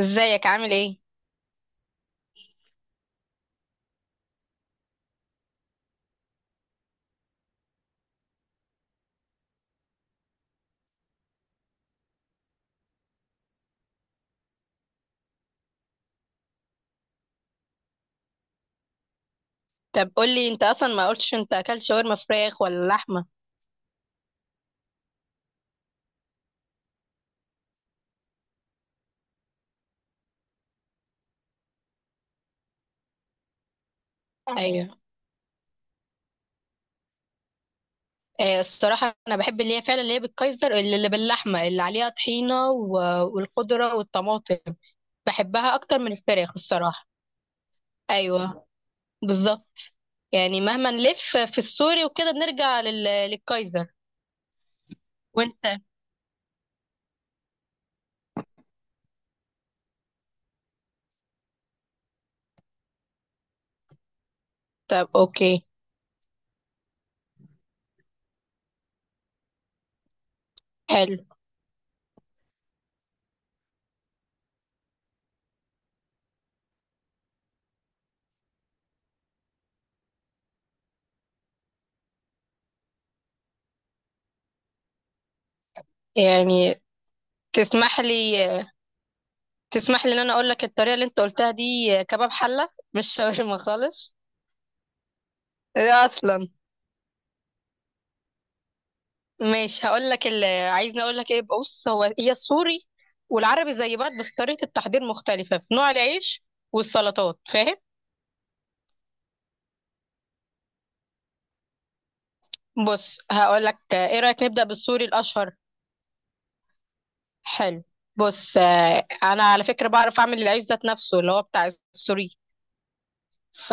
ازيك، عامل ايه؟ طب قولي، انت اصلا ما قلتش، انت اكلت شاورما فراخ ولا لحمه؟ ايوه. الصراحه انا بحب اللي هي فعلا، اللي هي بالكايزر، اللي باللحمه اللي عليها طحينه والخضره والطماطم. بحبها اكتر من الفراخ، الصراحه. ايوه، بالظبط. يعني مهما نلف في السوري وكده، بنرجع للكايزر. وانت؟ طب اوكي، حلو. يعني تسمح لي تسمح لي ان انا اقول لك، الطريقه اللي انت قلتها دي كباب حله، مش شاورما خالص. إيه اصلا؟ ماشي، هقول لك اللي عايزني اقول لك ايه. بص، هو هي السوري والعربي زي بعض، بس طريقه التحضير مختلفه في نوع العيش والسلطات، فاهم؟ بص، هقول لك، ايه رايك نبدا بالسوري الاشهر؟ حلو. بص، انا على فكره بعرف اعمل العيش ذات نفسه اللي هو بتاع السوري. ف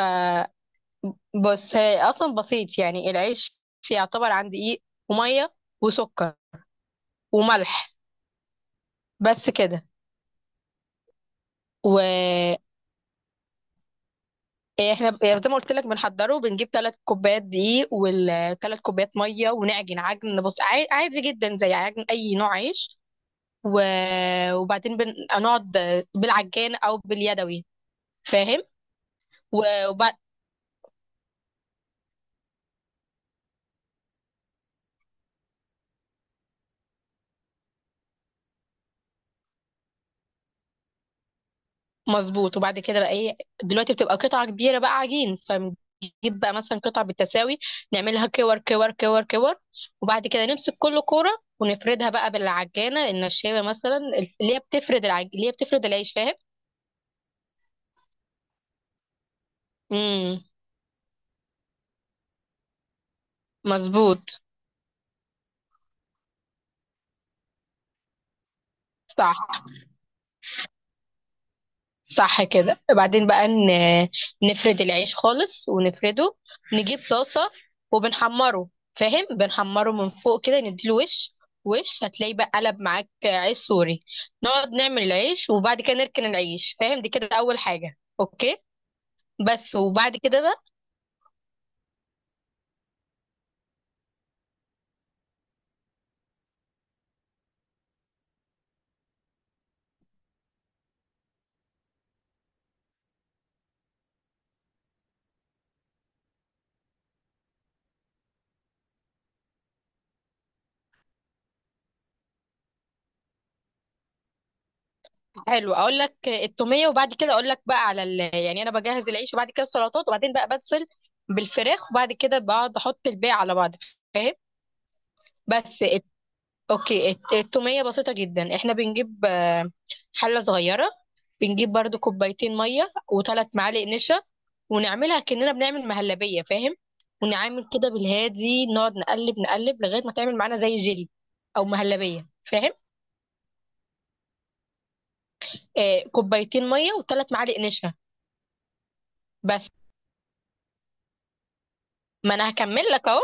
بص، هي اصلا بسيط يعني العيش، يعتبر عن دقيق وميه وسكر وملح، بس كده. و... احنا زي ما قلت لك بنحضره، بنجيب 3 كوبايات دقيق والـ3 كوبايات ميه، ونعجن عجن، بص عادي جدا، زي عجن اي نوع عيش. وبعدين بنقعد بالعجان او باليدوي، فاهم؟ وبعد. مظبوط، وبعد كده بقى ايه؟ دلوقتي بتبقى قطعه كبيره بقى عجين، فنجيب بقى مثلا قطع بالتساوي، نعملها كور كور كور كور، وبعد كده نمسك كل كوره ونفردها بقى بالعجانه النشابه مثلا، اللي هي بتفرد العيش، فاهم؟ مظبوط، صح، صح كده. وبعدين بقى نفرد العيش خالص ونفرده، نجيب طاسة وبنحمره، فاهم؟ بنحمره من فوق كده، نديله وش. وش هتلاقي بقى قلب معاك عيش سوري. نقعد نعمل العيش وبعد كده نركن العيش، فاهم؟ دي كده أول حاجة. أوكي. بس. وبعد كده بقى، حلو، اقول لك التوميه، وبعد كده اقول لك بقى على يعني انا بجهز العيش وبعد كده السلطات، وبعدين بقى بتصل بالفراخ، وبعد كده بقعد احط الباقي على بعض، فاهم؟ بس. اوكي، التومية بسيطة جدا. احنا بنجيب حلة صغيرة، بنجيب برضو 2 كوبايات مية و3 معالق نشا، ونعملها كأننا بنعمل مهلبية، فاهم؟ ونعمل كده بالهادي، نقعد نقلب نقلب لغاية ما تعمل معانا زي جيلي أو مهلبية، فاهم؟ آه، 2 كوبايات مية و3 معالق نشا. بس، ما أنا هكمل لك أهو،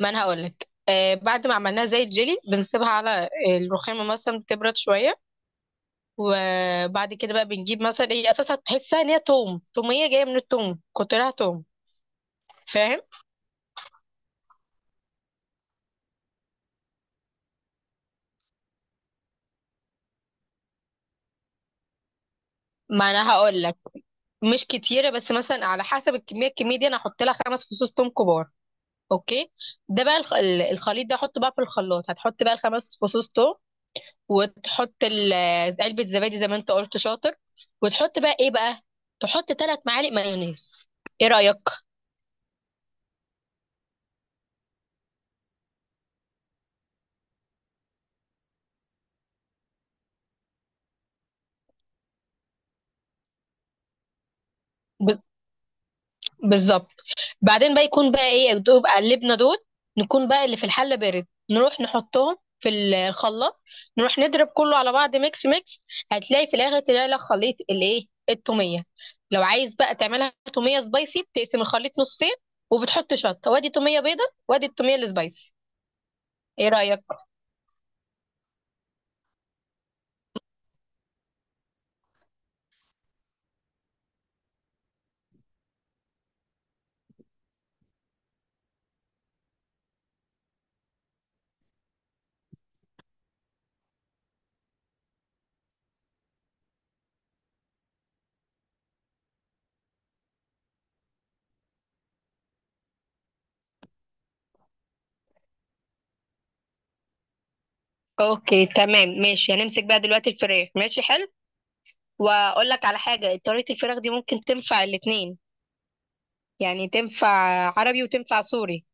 ما أنا هقول لك. بعد ما عملناها زي الجيلي بنسيبها على الرخامة مثلا، بتبرد شوية. وبعد كده بقى بنجيب مثلا، ايه اساسا؟ تحسها ان هي توم، توميه جايه من التوم، كترها توم، فاهم؟ ما انا هقول لك. مش كتيره، بس مثلا على حسب الكميه دي انا هحط لها 5 فصوص توم كبار. اوكي. ده بقى الخليط ده، احطه بقى في الخلاط، هتحط بقى الـ5 فصوص توم، وتحط علبه زبادي زي ما انت قلت، شاطر، وتحط بقى ايه بقى؟ تحط 3 معالق مايونيز، ايه رايك؟ بالظبط. بعدين بقى يكون بقى ايه؟ الدوب قلبنا دول، نكون بقى اللي في الحله بارد، نروح نحطهم في الخلاط، نروح نضرب كله على بعض، ميكس ميكس، هتلاقي في الاخر تلاقي لك خليط الايه، التوميه. لو عايز بقى تعملها توميه سبايسي، بتقسم الخليط نصين وبتحط شطه، وادي توميه بيضه وادي التوميه السبايسي، ايه رايك؟ اوكي تمام، ماشي. هنمسك بقى دلوقتي الفراخ، ماشي حلو. واقول لك على حاجه، طريقه الفراخ دي ممكن تنفع الاتنين، يعني تنفع عربي وتنفع سوري.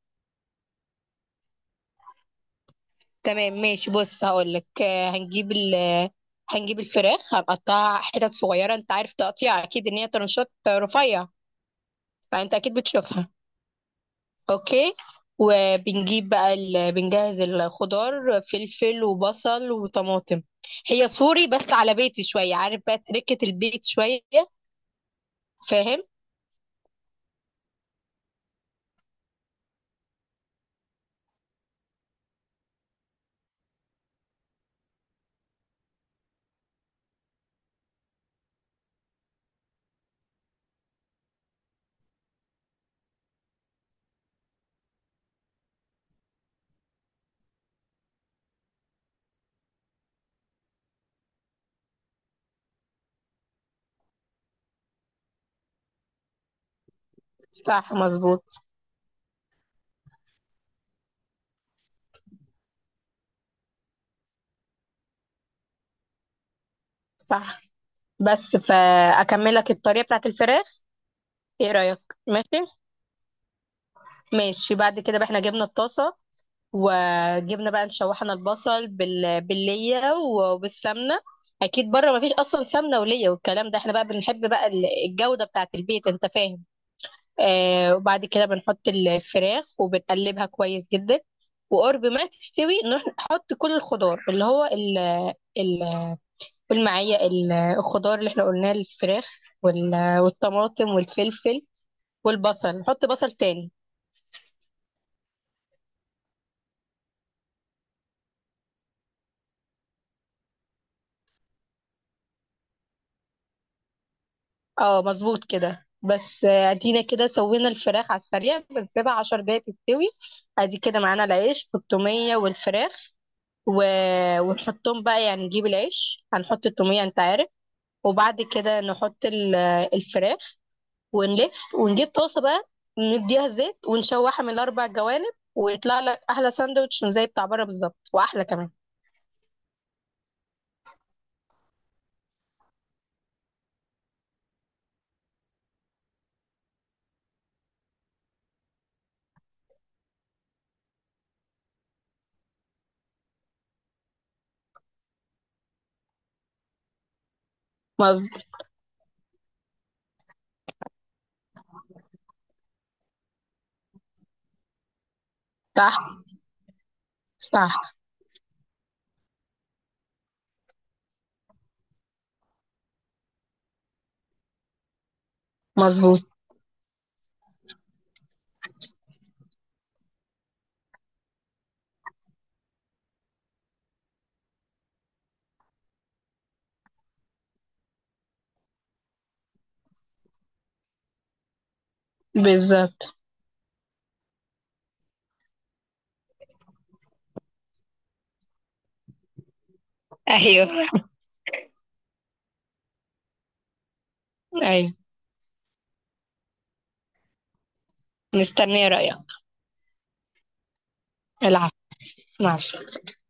تمام ماشي، بص هقولك، آه، هنجيب ال آه، هنجيب الفراخ، هنقطعها حتت صغيرة، انت عارف تقطيع، اكيد ان هي ترنشات رفيع، فانت اكيد بتشوفها. اوكي. وبنجيب بقى بنجهز الخضار، فلفل وبصل وطماطم. هي سوري بس على بيتي شوية، عارف بقى تركة البيت شوية، فاهم؟ صح، مظبوط. صح. بس، فاكملك الطريقة بتاعت الفراخ، ايه رأيك؟ ماشي. ماشي، بعد كده بقى احنا جبنا الطاسة، وجبنا بقى نشوحنا البصل بالليه وبالسمنه. اكيد بره مفيش اصلا سمنه وليه والكلام ده، احنا بقى بنحب بقى الجوده بتاعه البيت، انت فاهم؟ وبعد كده بنحط الفراخ وبنقلبها كويس جدا، وقرب ما تستوي نروح نحط كل الخضار، اللي هو ال ال قول معايا، الخضار اللي احنا قلناه: الفراخ والطماطم والفلفل والبصل، نحط بصل تاني. اه مظبوط كده. بس ادينا كده سوينا الفراخ على السريع، بنسيبها 10 دقايق تستوي. ادي كده معانا العيش والتومية والفراخ، و... ونحطهم بقى، يعني نجيب العيش، هنحط التومية، انت عارف، وبعد كده نحط الفراخ، ونلف ونجيب طاسة بقى، نديها زيت ونشوحها من الـ4 جوانب، ويطلع لك احلى ساندوتش زي بتاع بره بالظبط، واحلى كمان. مظبوط. صح، صح. مظبوط. بالظبط. ايوه، ايوه. مستنيه رايك. العفو. مع السلامة.